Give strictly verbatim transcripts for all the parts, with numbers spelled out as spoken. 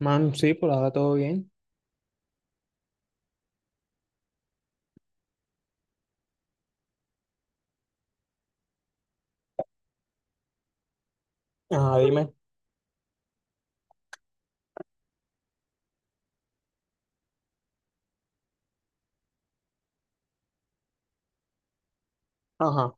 Man, sí, por ahora todo bien. Ajá, dime. Ajá.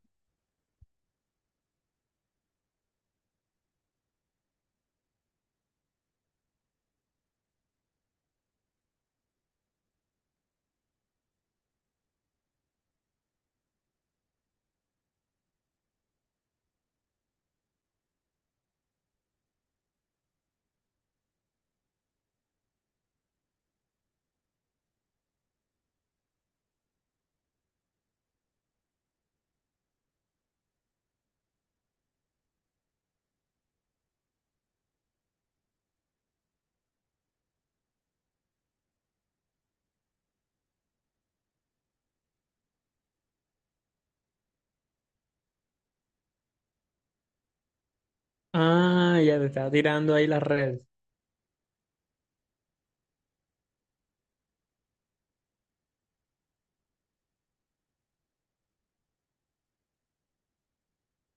Ah, ya te estaba tirando ahí la red.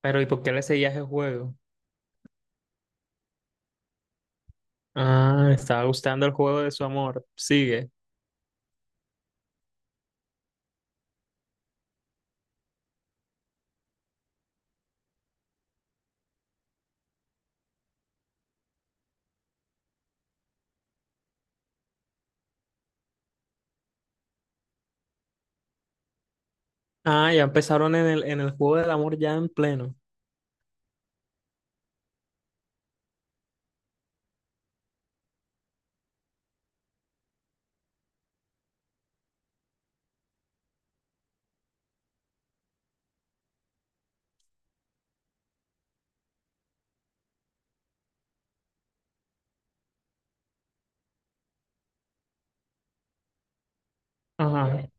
Pero ¿y por qué le seguías el juego? Ah, estaba gustando el juego de su amor. Sigue. Ah, ya empezaron en el, en el juego del amor ya en pleno. Ajá.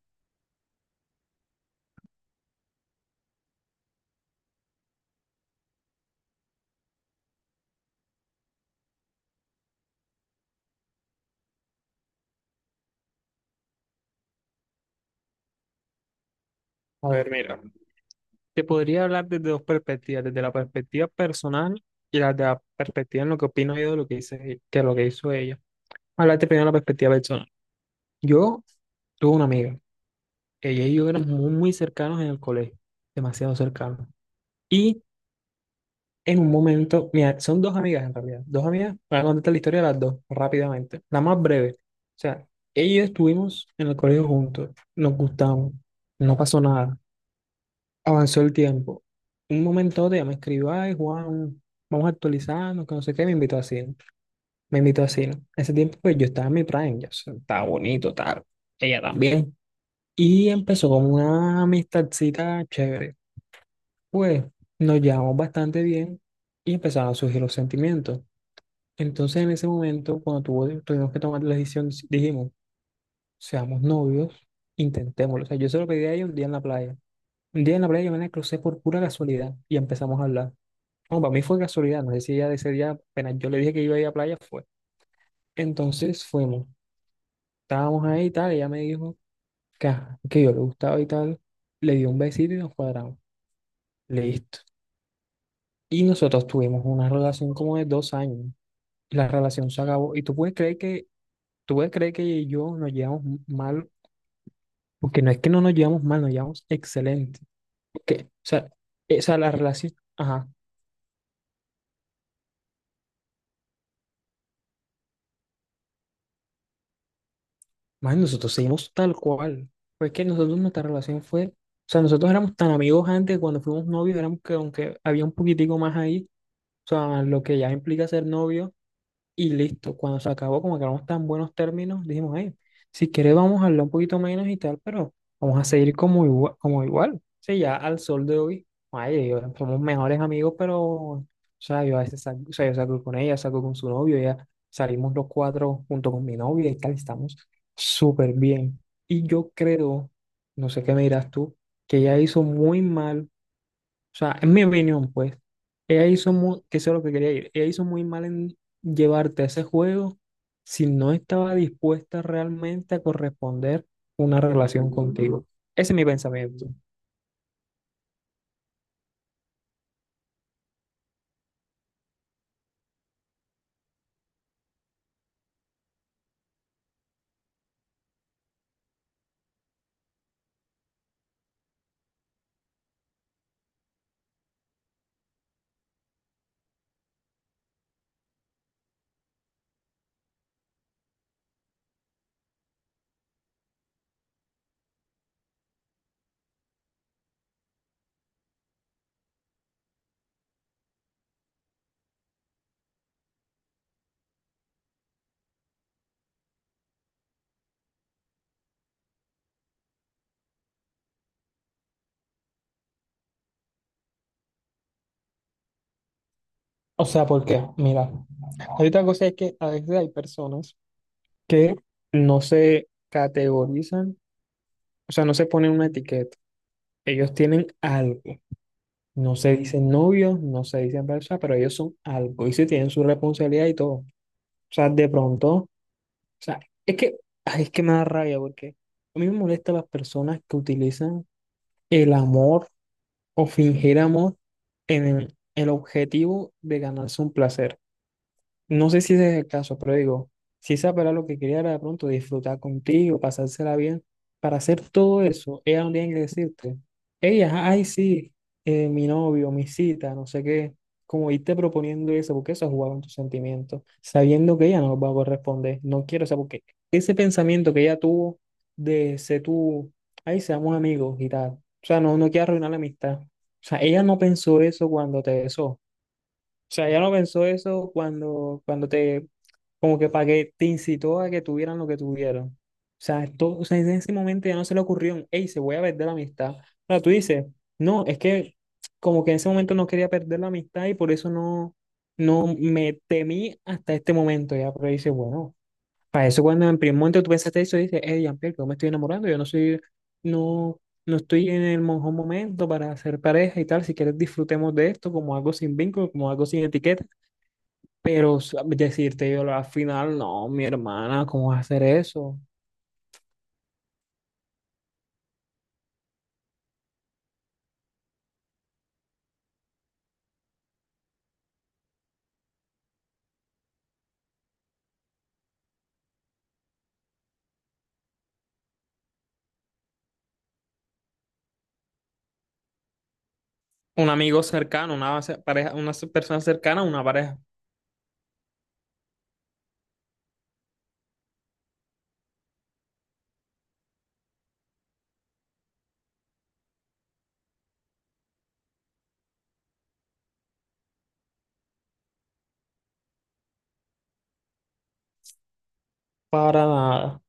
A ver, mira. Te podría hablar desde dos perspectivas, desde la perspectiva personal y la de la perspectiva en lo que opino yo de lo que hice, que lo que hizo ella. Hablarte primero de la perspectiva personal. Yo tuve una amiga. Ella y yo éramos muy, muy cercanos en el colegio, demasiado cercanos. Y en un momento, mira, son dos amigas en realidad. Dos amigas, voy a contarte la historia de las dos rápidamente. La más breve. O sea, ellas estuvimos en el colegio juntos, nos gustamos, no pasó nada, avanzó el tiempo. Un momento de ella me escribió, ay, Juan, vamos a actualizarnos, que no sé qué, me invitó a cine. Me invitó a cine. Ese tiempo, pues yo estaba en mi prime, ya, o sea, estaba bonito, tal. Ella también. Y empezó como una amistadcita chévere. Pues nos llevamos bastante bien y empezaron a surgir los sentimientos. Entonces en ese momento, cuando tuvo- tuvimos que tomar la decisión, dijimos, seamos novios, intentémoslo. O sea, yo se lo pedí a ella un día en la playa. Un día en la playa yo me la crucé por pura casualidad y empezamos a hablar. No, para mí fue casualidad, no sé si ella de ese día, apenas yo le dije que iba a ir a la playa, fue. Entonces fuimos, estábamos ahí y tal, ella me dijo que, ajá, que yo le gustaba y tal, le di un besito y nos cuadramos. Listo. Y nosotros tuvimos una relación como de dos años. La relación se acabó. Y tú puedes creer que, tú puedes creer que ella y yo nos llevamos m- mal, porque no es que no nos llevamos mal, nos llevamos excelente. Porque, o sea, eh, o sea la relación, ajá, más nosotros seguimos tal cual. Pues que nosotros nuestra relación fue, o sea, nosotros éramos tan amigos antes, cuando fuimos novios, éramos que aunque había un poquitico más ahí, o sea, lo que ya implica ser novio. Y listo, cuando se acabó, como quedamos tan buenos términos, dijimos, ay, si quieres vamos a hablar un poquito menos y tal, pero vamos a seguir como igual, como igual. Sí, ya al sol de hoy, ay, yo- somos mejores amigos, pero, o sea, yo a veces salgo, o sea, yo salgo con ella, salgo con su novio, ya salimos los cuatro junto con mi novia y tal, estamos súper bien. Y yo creo, no sé qué me dirás tú, que ella hizo muy mal, o sea, en mi opinión, pues, ella hizo muy, que eso es lo que quería ir, ella hizo muy mal en llevarte a ese juego si no estaba dispuesta realmente a corresponder una relación contigo. Ese es mi pensamiento. O sea, porque, mira, hay otra cosa es que a veces hay personas que no se categorizan, o sea, no se ponen una etiqueta. Ellos tienen algo. No se dicen novios, no se dicen pareja, pero ellos son algo y sí tienen su responsabilidad y todo. O sea, de pronto. O sea, es que, ay, es que me da rabia porque a mí me molesta las personas que utilizan el amor o fingir amor en el, el, objetivo de ganarse un placer. No sé si ese es el caso, pero digo, si esa era lo que quería era de pronto disfrutar contigo, pasársela bien, para hacer todo eso, ella no tiene que decirte, ella, ay, sí, eh, mi novio, mi cita, no sé qué, como irte proponiendo eso, porque eso es jugar con tus sentimientos, sabiendo que ella no va a corresponder, no quiero, o sea, porque ese pensamiento que ella tuvo de ser tú, ay, seamos amigos y tal, o sea, no, no quiero arruinar la amistad, o sea, ella no pensó eso cuando te besó, sea, ella no pensó eso cuando, cuando te, como que para que te incitó a que tuvieran lo que tuvieron. O sea, esto, o sea, en ese momento ya no se le ocurrió, hey, se voy a perder la amistad. Ahora tú dices, no, es que como que en ese momento no quería perder la amistad y por eso no, no me temí hasta este momento ya, pero dice, bueno. Para eso cuando en primer momento tú pensaste eso, dices, eh, Jean-Pierre, que yo me estoy enamorando, yo no soy, no, no estoy en el mejor momento para hacer pareja y tal, si quieres disfrutemos de esto como algo sin vínculo, como algo sin etiqueta, pero s- decirte yo al final, no, mi hermana, ¿cómo vas a hacer eso? Un amigo cercano, una ce- pareja, una ce- persona cercana, una pareja, para nada.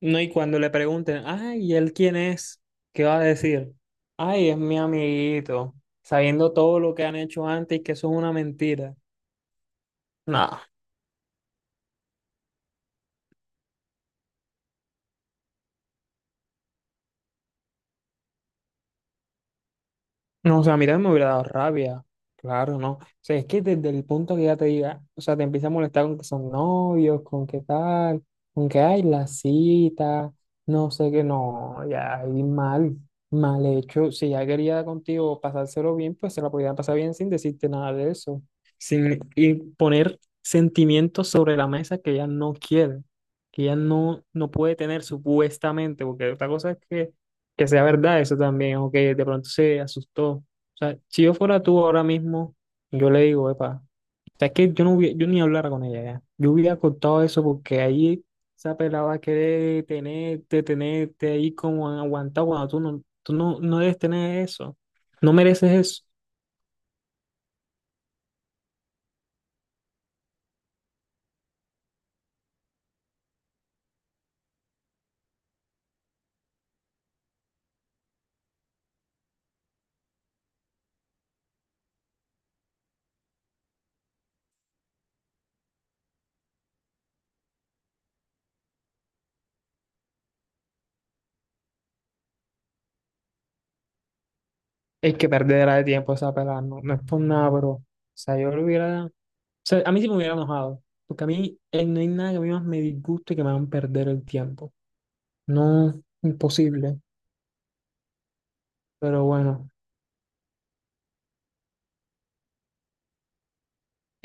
No, y cuando le pregunten, ay, ¿y él quién es? ¿Qué va a decir? Ay, es mi amiguito, sabiendo todo lo que han hecho antes y que eso es una mentira. No, no, o sea, a mí también me hubiera dado rabia, claro, ¿no? O sea, es que desde el punto que ya te diga, o sea, te empieza a molestar con que son novios, con qué tal, con que hay la cita, no sé qué, no, ya ahí mal, mal hecho. Si ya quería contigo pasárselo bien, pues se la podía pasar bien sin decirte nada de eso, sin y poner sentimientos sobre la mesa que ella no quiere, que ella no, no puede tener supuestamente, porque otra cosa es que que sea verdad eso también, o que de pronto se asustó. O sea, si yo fuera tú ahora mismo, yo le digo, epa, o sea, es que yo no hubiera, yo ni hablara con ella ya. Yo hubiera contado eso porque ahí esa pelada va a querer tenerte, tenerte ahí como aguantado cuando tú no, tú no, no debes tener eso. No mereces eso. Es que perderá de tiempo esa pelada, no, no es por nada, pero, o sea, yo lo hubiera, o sea, a mí sí me hubiera enojado, porque a mí eh, no hay nada que a mí más me disguste que me hagan perder el tiempo. No, imposible, pero bueno,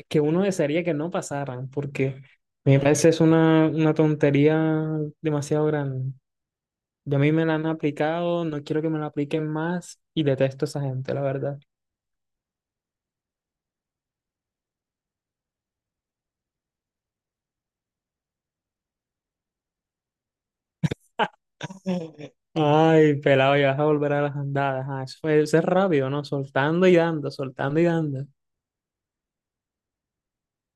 que uno desearía que no pasaran, porque me parece es una, una, tontería demasiado grande. Y a mí me la han aplicado, no quiero que me la apliquen más y detesto a esa gente, la verdad. Ay, pelado, ya vas a volver a las andadas. Ah, eso fue, eso es rápido, ¿no? Soltando y dando, soltando y dando.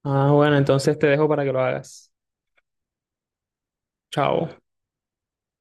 Ah, bueno, entonces te dejo para que lo hagas. Chao.